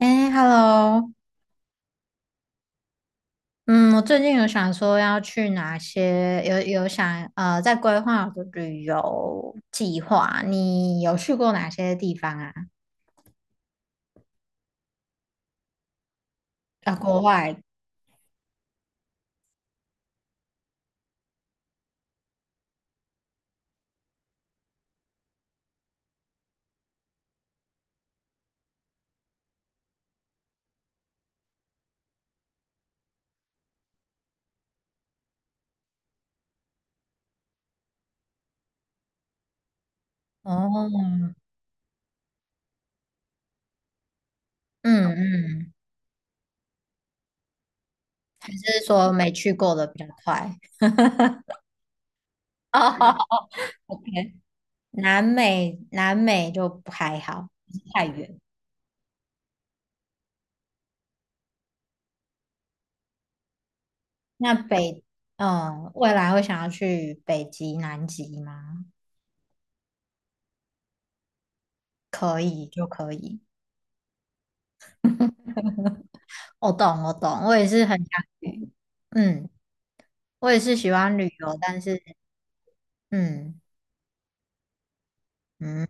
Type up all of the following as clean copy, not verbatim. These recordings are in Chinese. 哎，Hello，嗯，我最近有想说要去哪些，有想在规划我的旅游计划。你有去过哪些地方啊？啊，国外？哦，嗯嗯，你是说没去过的比较快？哦，OK，南美就不还好，太远。那北，嗯，未来会想要去北极、南极吗？可以就可以。我懂，我懂，我也是很想去，嗯，我也是喜欢旅游，但是，嗯嗯，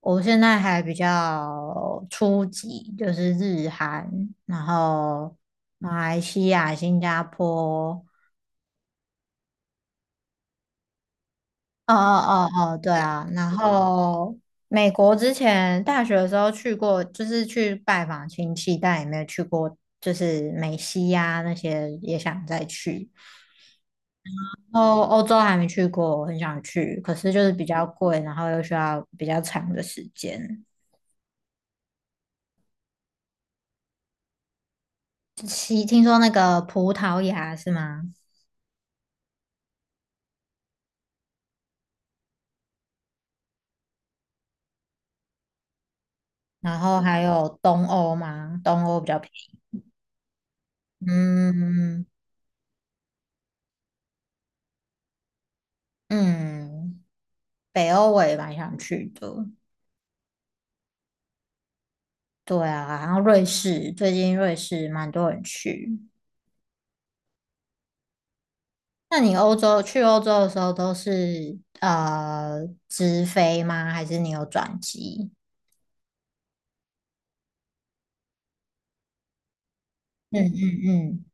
我现在还比较初级，就是日韩，然后马来西亚、新加坡，哦哦哦哦，对啊，然后美国之前大学的时候去过，就是去拜访亲戚，但也没有去过，就是美西呀、那些也想再去。哦，欧洲还没去过，我很想去，可是就是比较贵，然后又需要比较长的时间。其听说那个葡萄牙是吗？然后还有东欧吗？东欧比较便宜。嗯嗯，北欧我也蛮想去的。对啊，然后瑞士，最近瑞士蛮多人去。那你欧洲去欧洲的时候都是直飞吗？还是你有转机？嗯嗯嗯，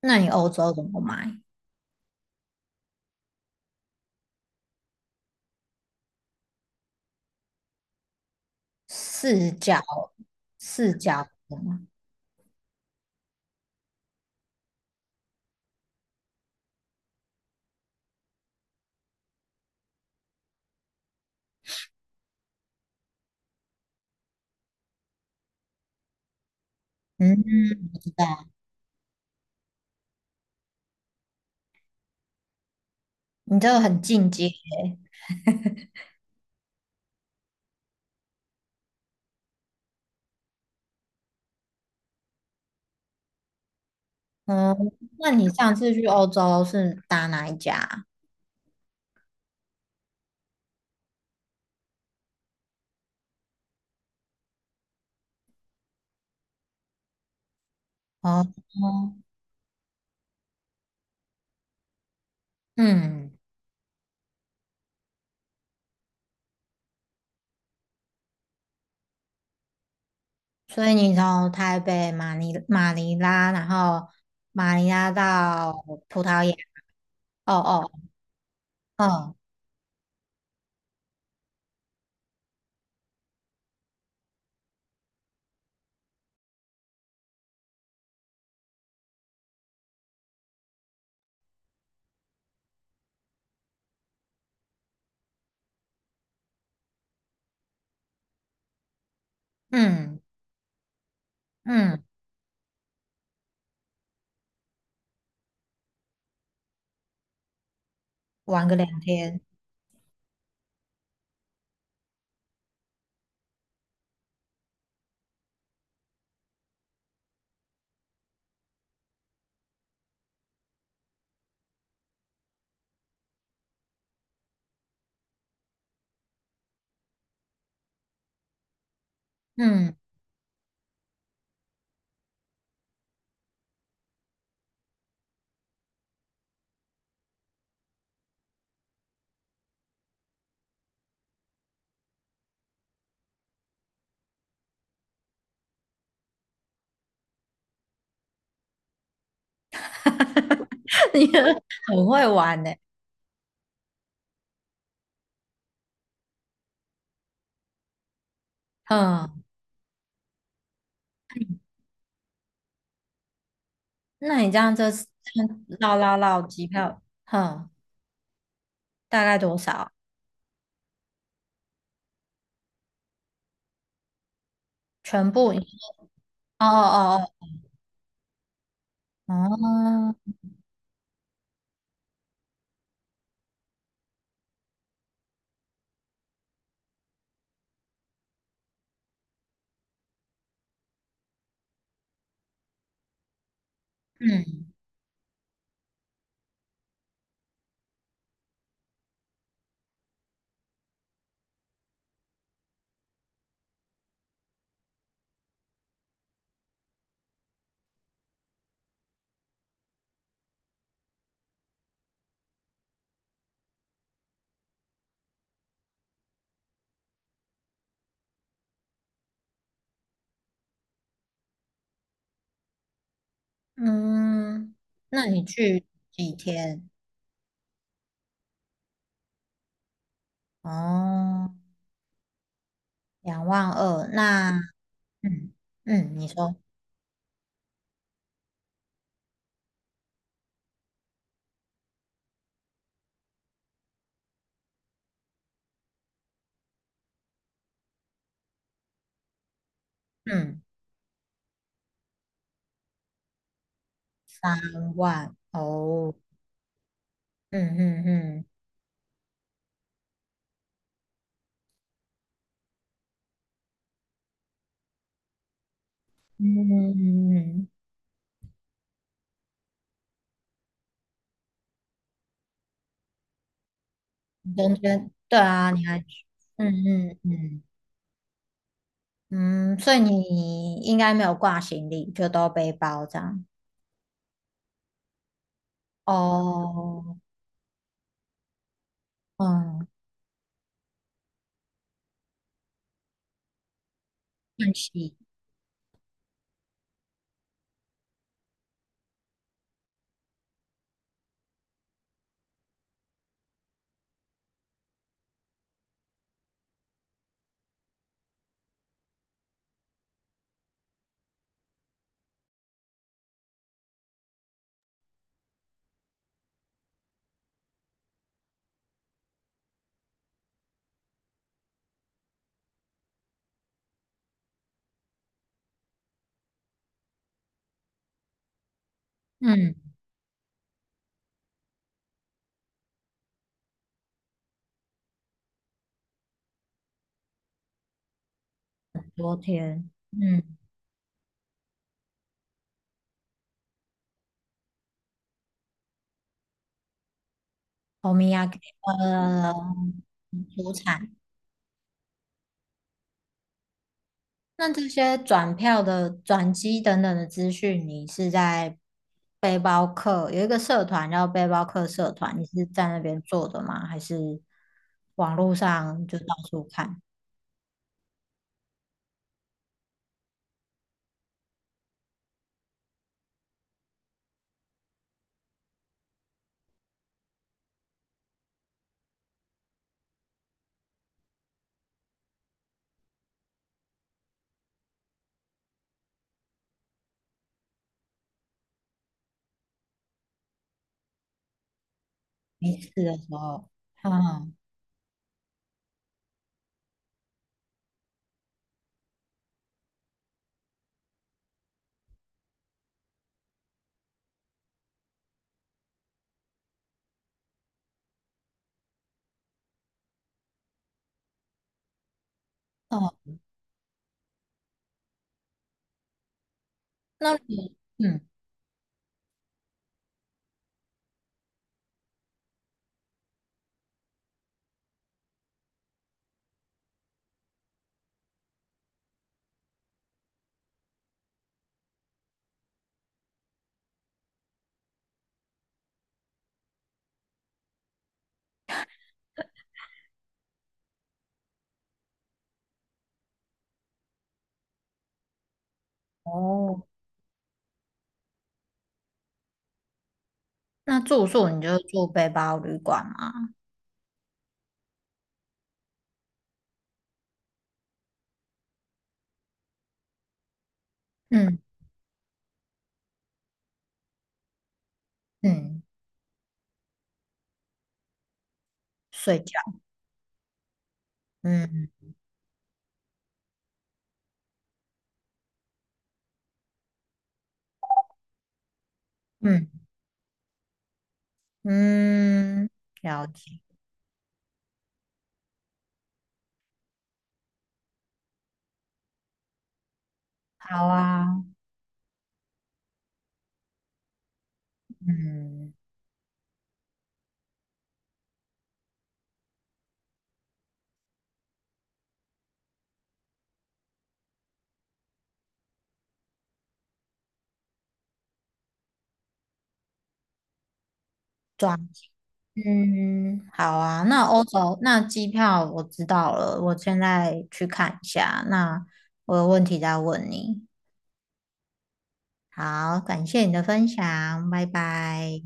那你欧洲怎么买？四角四角的，嗯，我知道，你这个很进阶。嗯，那你上次去欧洲是打哪一家啊哦，嗯，所以你从台北马尼拉，然后马尼拉到葡萄牙。哦哦哦，嗯嗯，玩个两天。嗯，你很会玩呢。嗯，那你这样这次这样绕机票，哼、大概多少？全部一？哦哦哦哦，嗯嗯，那你去几天？哦，两万二，那嗯嗯，你说嗯三万哦，嗯嗯嗯嗯，嗯中间对啊，你还嗯嗯嗯嗯，所以你应该没有挂行李，就都背包这样。哦，嗯，叹息，嗯，昨天。嗯欧米亚给呃出产。那这些转票的、转机等等的资讯，你是在背包客有一个社团叫背包客社团，你是在那边做的吗？还是网络上就到处看？没事的时候，嗯哦，那你嗯哦，那住宿你就住背包旅馆吗？嗯嗯，睡觉，嗯嗯嗯，了解，好啊。嗯，转嗯，好啊。那欧洲那机票我知道了，我现在去看一下。那我有问题再问你。好，感谢你的分享，拜拜。